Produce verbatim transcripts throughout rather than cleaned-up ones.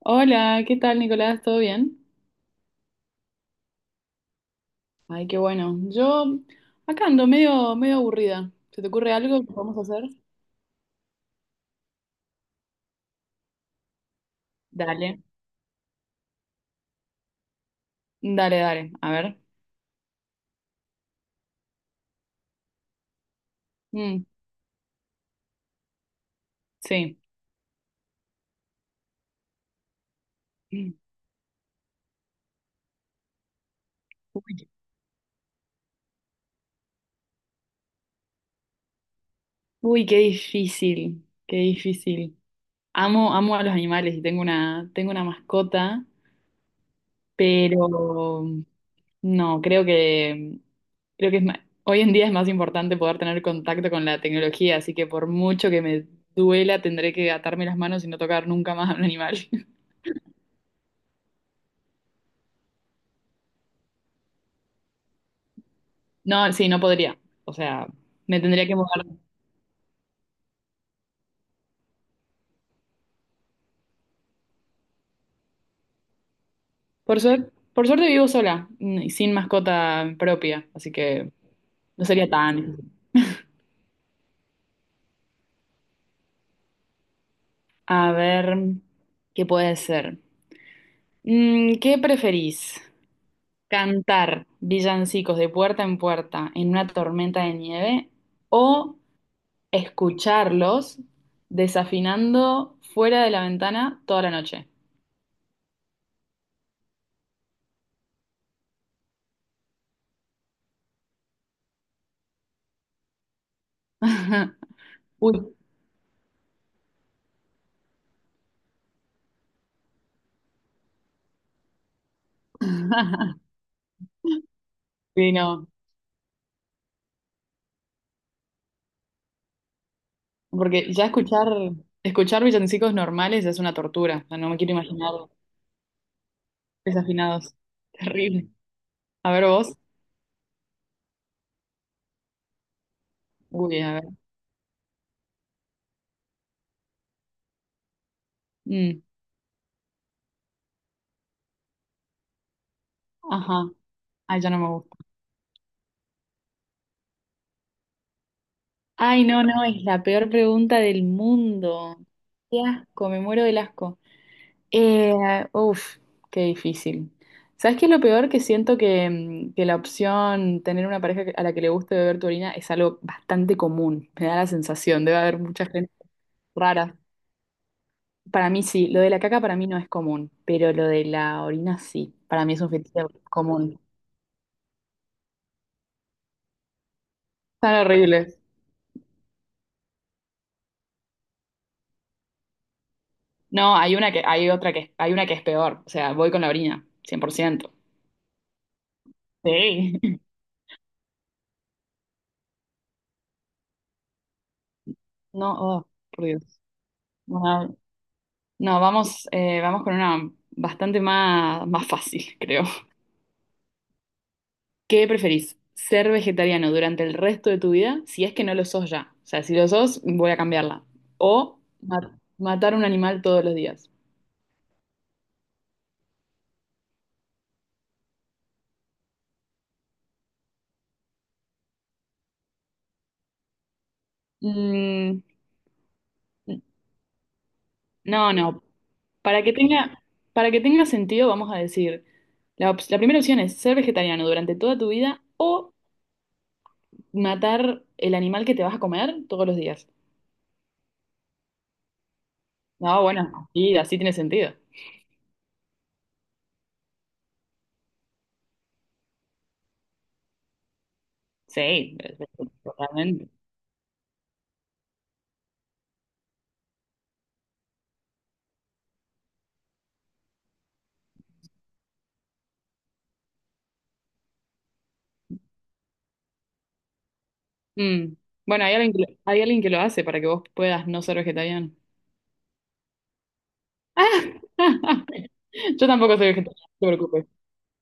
Hola, ¿qué tal, Nicolás? ¿Todo bien? Ay, qué bueno. Yo acá ando medio, medio aburrida. ¿Se te ocurre algo que podemos hacer? Dale. Dale, dale. A ver. Mm, sí. Mm. Uy, uy, qué difícil. Qué difícil. Amo, amo a los animales y tengo una, tengo una mascota. Pero no, creo que creo que es ma- hoy en día es más importante poder tener contacto con la tecnología, así que por mucho que me duela, tendré que atarme las manos y no tocar nunca más a un animal. No, sí, no podría. O sea, me tendría que mudar. Por suerte, por suerte vivo sola, mm, y sin mascota propia, así que no sería tan. A ver, ¿qué puede ser? Mm, ¿qué preferís? Cantar villancicos de puerta en puerta en una tormenta de nieve o escucharlos desafinando fuera de la ventana toda la noche. Uy. Sí, no, porque ya escuchar, escuchar villancicos normales es una tortura. O sea, no me quiero imaginar desafinados. Terrible. A ver vos. Uy, a ver. Mm, ajá. Ay, ya no me gusta. Ay, no, no, es la peor pregunta del mundo. Qué asco, me muero del asco. Eh, uf, qué difícil. ¿Sabes qué es lo peor? Que siento que, mm, que la opción tener una pareja que- a la que le guste beber tu orina es algo bastante común. Me da la sensación, debe haber mucha gente rara. Para mí sí, lo de la caca para mí no es común, pero lo de la orina sí. Para mí es un fetiche común. Tan horribles. No, hay una que, hay otra que, hay una que es peor. O sea, voy con la orina, cien por ciento. Sí. No, oh, por Dios. No, no, vamos, eh, vamos con una bastante más, más fácil, creo. ¿Qué preferís? ¿Ser vegetariano durante el resto de tu vida? Si es que no lo sos ya. O sea, si lo sos, voy a cambiarla. O ma- matar un animal todos los días. Mm, no, no. Para que tenga, para que tenga sentido, vamos a decir, la, op- la primera opción es ser vegetariano durante toda tu vida o matar el animal que te vas a comer todos los días. No, bueno, y así tiene sentido. Sí, es- es- totalmente. Mm. Bueno, hay alguien que, lo- hay alguien que lo hace para que vos puedas no ser vegetariano. Yo tampoco soy vegetariano, no te preocupes.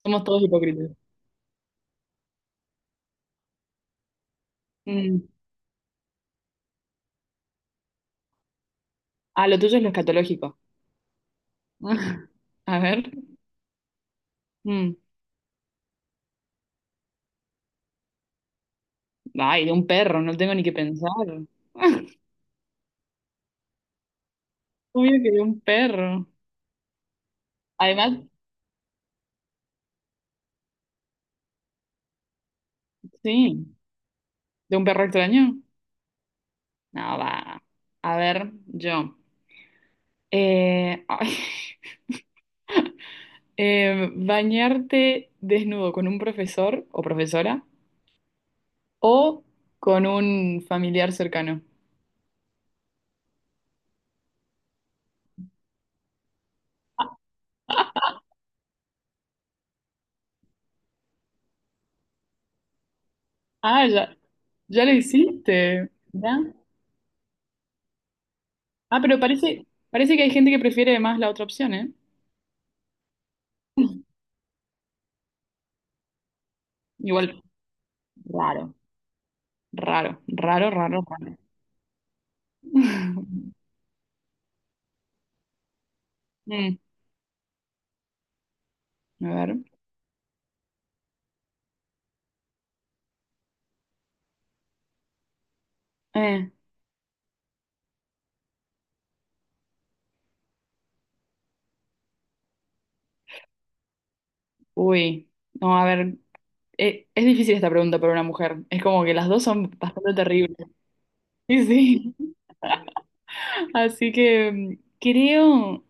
Somos todos hipócritas. Mm. Ah, lo tuyo es lo escatológico. A ver. Mm. Ay, de un perro, no tengo ni que pensar. Obvio que de un perro. Además, sí, de un perro extraño. No, va. A ver, yo. Eh, ay. Eh, bañarte desnudo con un profesor o profesora o con un familiar cercano. Ah, ya, ya lo hiciste. ¿Ya? Ah, pero parece, parece que hay gente que prefiere más la otra opción, ¿eh? Igual, raro, raro, raro, raro, raro. Mm, a ver. Eh, uy, no, a ver. eh, es difícil esta pregunta para una mujer. Es como que las dos son bastante terribles. Sí, sí. Así que mm, creo.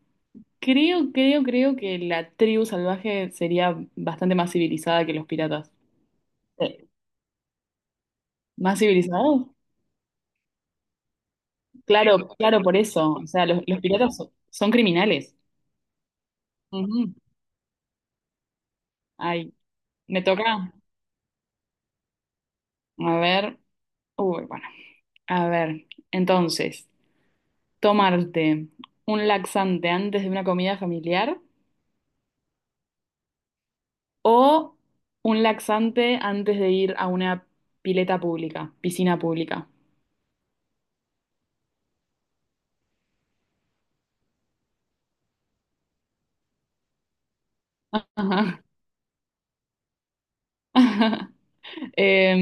Creo, creo, creo que la tribu salvaje sería bastante más civilizada que los piratas. Eh, ¿Más civilizados? Claro, claro, por eso. O sea, los, los piratas so- son criminales. Ujú. Ay, me toca. A ver. Uy, bueno. A ver. Entonces, tomarte un laxante antes de una comida familiar o un laxante antes de ir a una pileta pública, piscina pública. Ajá. Em,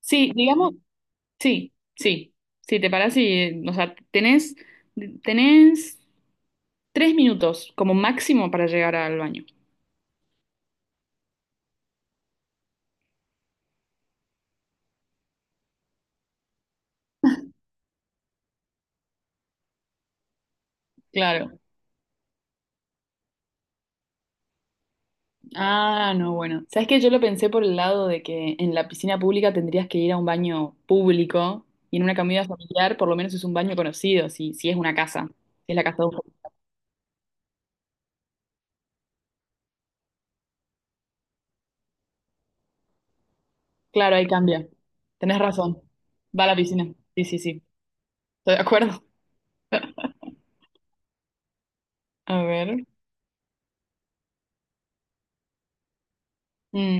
sí, digamos. Sí, sí, sí, te parás y, o sea, tenés, tenés tres minutos como máximo para llegar al baño. Claro. Ah, no, bueno. ¿Sabes qué? Yo lo pensé por el lado de que en la piscina pública tendrías que ir a un baño público y en una comida familiar por lo menos es un baño conocido, si, si es una casa, si es la casa de un... Claro, ahí cambia. Tenés razón. Va a la piscina. Sí, sí, sí. Estoy de acuerdo. A ver. Mm,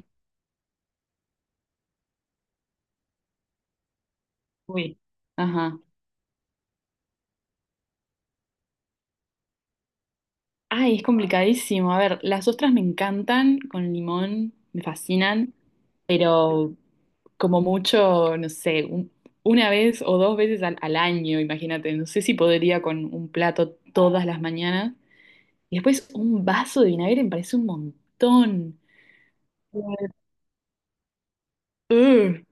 uy. Ajá. Ay, es complicadísimo. A ver, las ostras me encantan con limón, me fascinan, pero como mucho, no sé, un- una vez o dos veces al, al año, imagínate. No sé si podría con un plato todas las mañanas. Y después un vaso de vinagre me parece un montón. Ugh.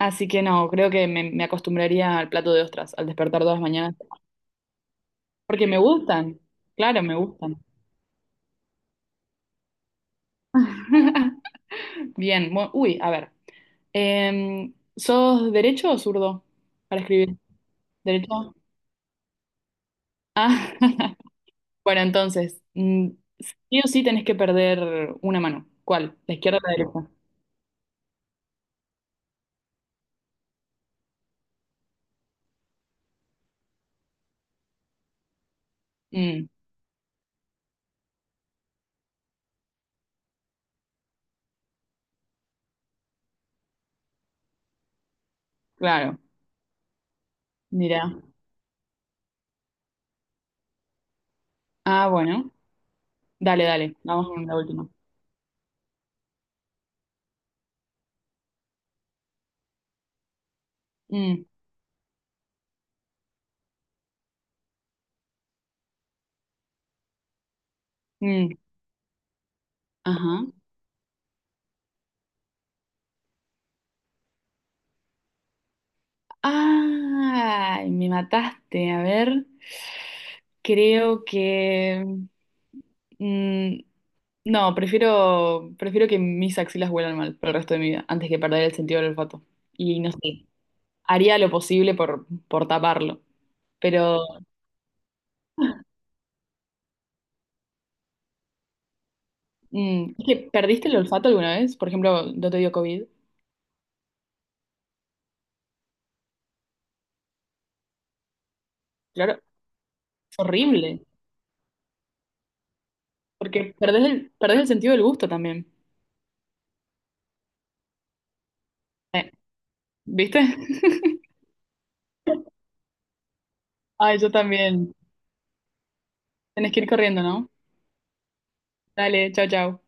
Así que no, creo que me, me acostumbraría al plato de ostras al despertar todas las mañanas, porque me gustan. Claro, me gustan. Bien, bu- uy, a ver. Em, ¿sos derecho o zurdo para escribir? ¿Derecho? Ah, bueno, entonces, mm, sí o sí tenés que perder una mano. ¿Cuál? ¿La izquierda o la derecha? Mm, claro, mira. Ah, bueno. Dale, dale, vamos con la última. Mm, mm, ajá. Ay, me mataste. A ver, creo que... mm, no, prefiero, prefiero que mis axilas huelan mal por el resto de mi vida, antes que perder el sentido del olfato. Y no sé, haría lo posible por, por taparlo. Pero, mm, es que ¿perdiste el olfato alguna vez? Por ejemplo, no te dio COVID. Claro, es horrible, porque perdés el, perdés el sentido del gusto también. Eh, ¿viste? Ay, yo también. Tenés que ir corriendo, ¿no? Dale, chao, chao.